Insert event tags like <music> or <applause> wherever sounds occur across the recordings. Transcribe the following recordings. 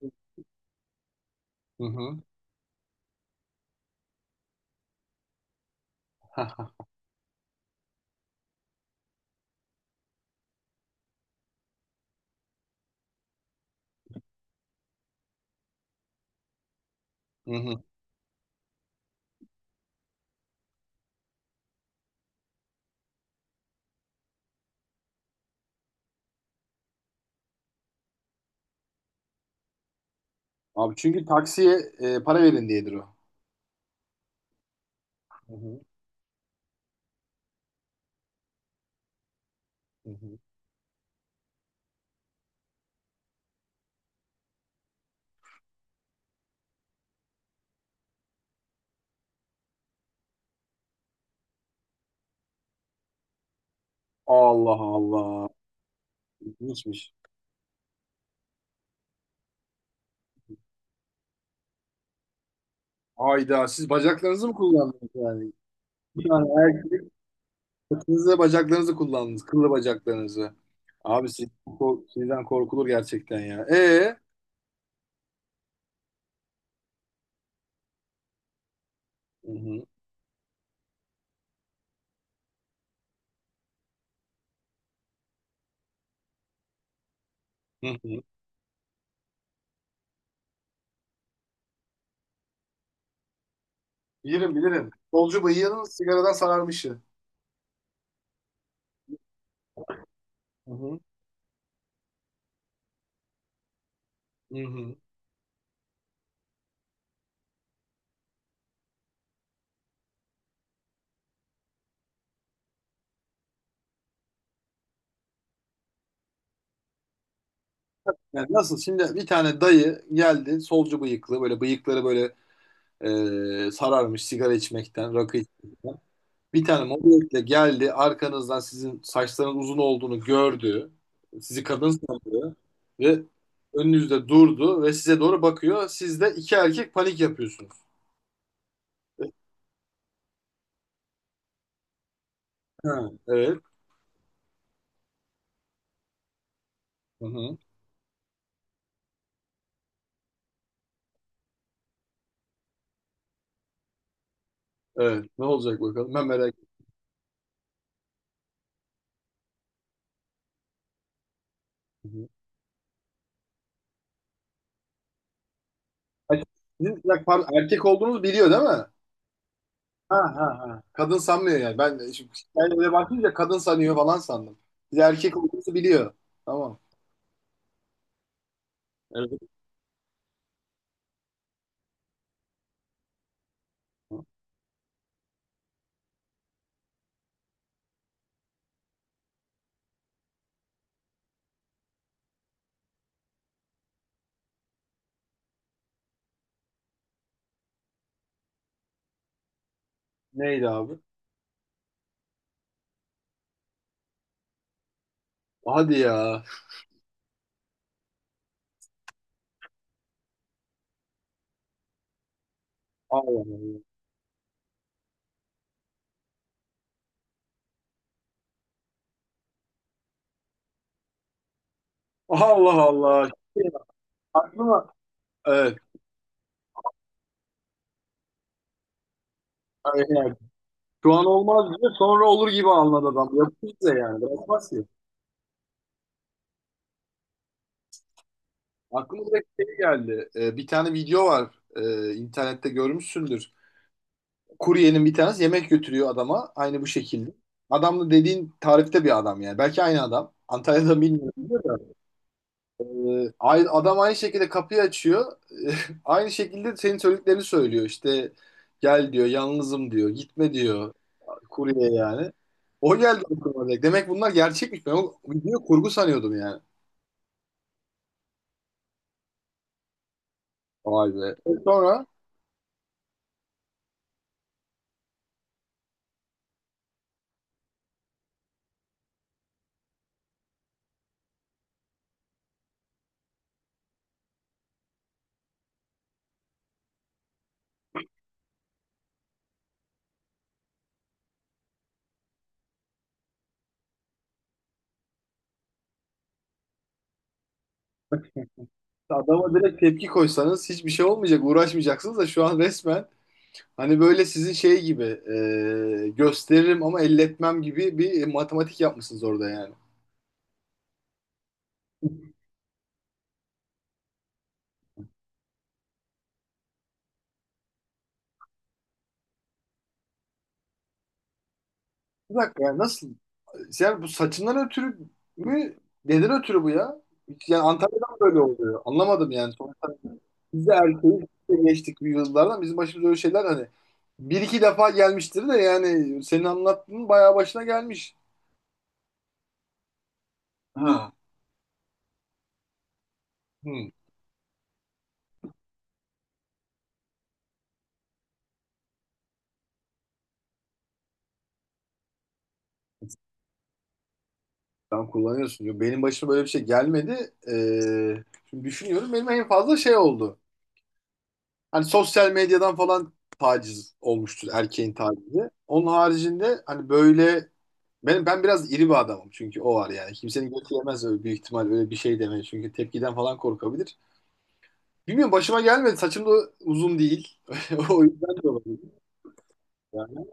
Hı hı. <laughs> Hı hı. Abi çünkü taksiye para verin diyedir o. Hı hı. Hı hı. Allah Allah. İlginçmiş. Hayda siz bacaklarınızı mı kullandınız yani? Bir tane erkek saçınızı bacaklarınızı kullandınız. Kıllı bacaklarınızı. Abi siz, sizden korkulur gerçekten ya. Hı hı. Hı hı. Bilirim bilirim. Solcu bıyığının sigaradan sararmışı. Hı hı. Hı hı. Yani nasıl şimdi bir tane dayı geldi solcu bıyıklı böyle bıyıkları böyle sararmış sigara içmekten, rakı içmekten. Bir tane mobiletle geldi, arkanızdan sizin saçlarınız uzun olduğunu gördü. Sizi kadın sandı ve önünüzde durdu ve size doğru bakıyor. Siz de iki erkek panik yapıyorsunuz. Ha, evet. Hı hı. Evet. Ne olacak bakalım? Ben merak ediyorum. Hı hı. Ay, sizin ya, pardon, erkek olduğunuzu biliyor değil mi? Ha ha ha. Kadın sanmıyor yani. Ben de şimdi ben öyle bakınca kadın sanıyor falan sandım. Siz erkek olduğunuzu biliyor. Tamam. Evet. Neydi abi? Hadi ya. Allah Allah. Allah Allah. Şey, aklıma evet. Aynen. Şu an olmaz diye sonra olur gibi anladı adam. Yapıyor da yani. Bırakmaz ki. Aklıma direkt şey geldi. Bir tane video var. İnternette görmüşsündür. Kuryenin bir tanesi yemek götürüyor adama. Aynı bu şekilde. Adam da dediğin tarifte bir adam yani. Belki aynı adam. Antalya'da bilmiyorum da. Adam aynı şekilde kapıyı açıyor. <laughs> Aynı şekilde senin söylediklerini söylüyor. İşte gel diyor, yalnızım diyor, gitme diyor. Kurye yani. O geldi aklıma direkt. Demek bunlar gerçekmiş. Ben o video kurgu sanıyordum yani. Vay be. E sonra adama direkt tepki koysanız hiçbir şey olmayacak. Uğraşmayacaksınız da şu an resmen hani böyle sizin şey gibi gösteririm ama elletmem gibi bir matematik yapmışsınız orada yani. Bir dakika yani nasıl. Yani bu saçından ötürü mü? Neden ötürü bu ya? Yani Antalya'dan böyle oluyor. Anlamadım yani. Sonuçta biz de erkeğiz. Biz de geçtik bir yıllardan. Bizim başımıza öyle şeyler hani bir iki defa gelmiştir de yani senin anlattığın bayağı başına gelmiş. Ha. Hı. Sen kullanıyorsun. Yo, benim başıma böyle bir şey gelmedi. Şimdi düşünüyorum. Benim en fazla şey oldu. Hani sosyal medyadan falan taciz olmuştur erkeğin tacizi. Onun haricinde hani böyle ben biraz iri bir adamım çünkü o var yani. Kimsenin götü yemez öyle büyük ihtimal öyle bir şey demeye çünkü tepkiden falan korkabilir. Bilmiyorum başıma gelmedi. Saçım da uzun değil. <laughs> O yüzden de olabilir yani.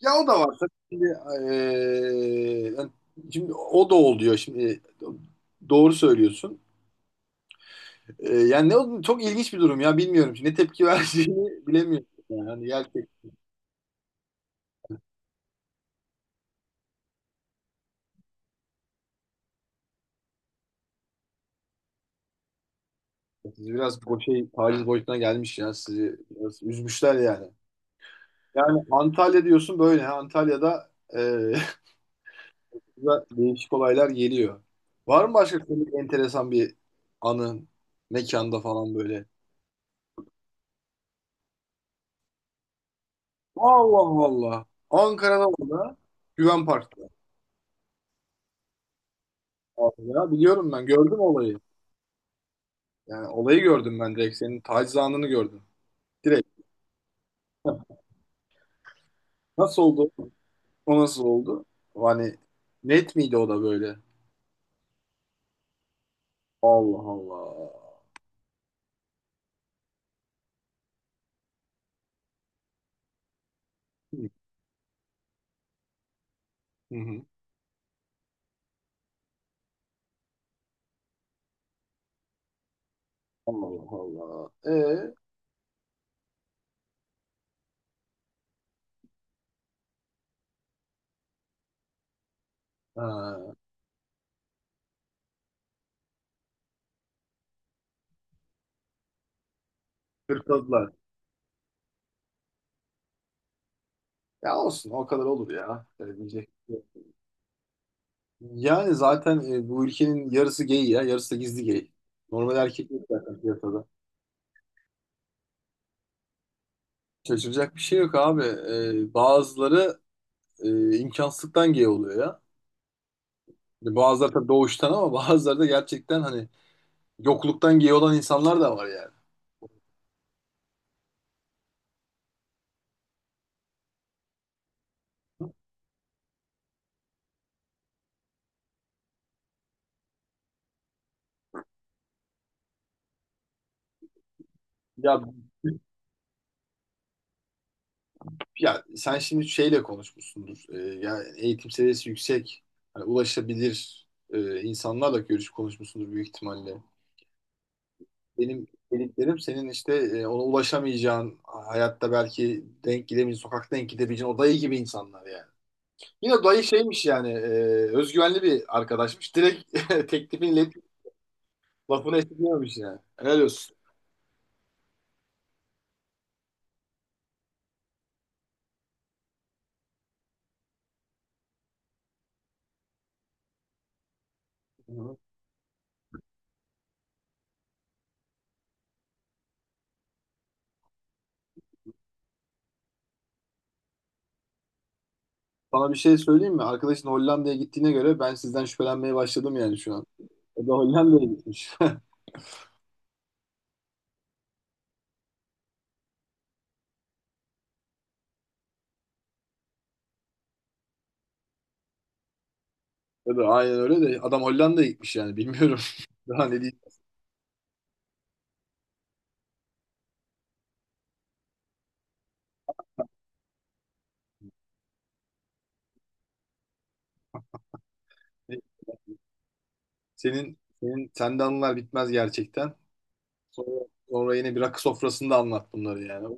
Ya o da var. Tabii. Şimdi, yani şimdi o da oluyor şimdi. Doğru söylüyorsun. Yani ne oldu? Çok ilginç bir durum ya bilmiyorum. Ne tepki <laughs> vereceğini bilemiyorum. Yani, siz biraz bu şey taciz boyutuna gelmiş ya. Sizi biraz üzmüşler yani. Yani Antalya diyorsun böyle. Ha. Antalya'da e, <laughs> da değişik olaylar geliyor. Var mı başka komik enteresan bir anın mekanda falan böyle? Allah Allah. Ankara'da orada Güven Park'ta. Abi ya biliyorum ben gördüm olayı. Yani olayı gördüm ben direkt senin taciz anını gördüm. Direkt nasıl oldu? O nasıl oldu? Hani net miydi o da böyle? Allah Allah. Hı hı. Allah Allah. Ha, hırpaladılar. Ya olsun o kadar olur ya. Öyle diyecek. Yani zaten bu ülkenin yarısı gay ya, yarısı da gizli gay. Normal erkek yok zaten piyasada. Şaşıracak bir şey yok abi. E, bazıları imkansızlıktan gay oluyor ya. Yani bazıları da doğuştan ama <laughs> bazıları da gerçekten hani yokluktan gay olan insanlar da var yani. Ya Ya sen şimdi şeyle konuşmuşsundur. Yani eğitim seviyesi yüksek, hani ulaşabilir insanlarla görüş konuşmuşsundur büyük ihtimalle. Benim dediklerim senin işte ona ulaşamayacağın, hayatta belki denk gidemeyeceğin, sokakta denk gidebileceğin o dayı gibi insanlar yani. Yine dayı şeymiş yani, özgüvenli bir arkadaşmış. Direkt <laughs> teklifini iletip lafını esirgememiş yani. Helal olsun. Hı hı. Sana bir şey söyleyeyim mi? Arkadaşın Hollanda'ya gittiğine göre ben sizden şüphelenmeye başladım yani şu an. O da Hollanda'ya gitmiş. <laughs> Tabii aynen öyle de adam Hollanda'ya gitmiş yani bilmiyorum. <laughs> Daha ne diyeyim. Hani senin sende anılar bitmez gerçekten. Sonra, sonra, yine bir rakı sofrasında anlat bunları yani.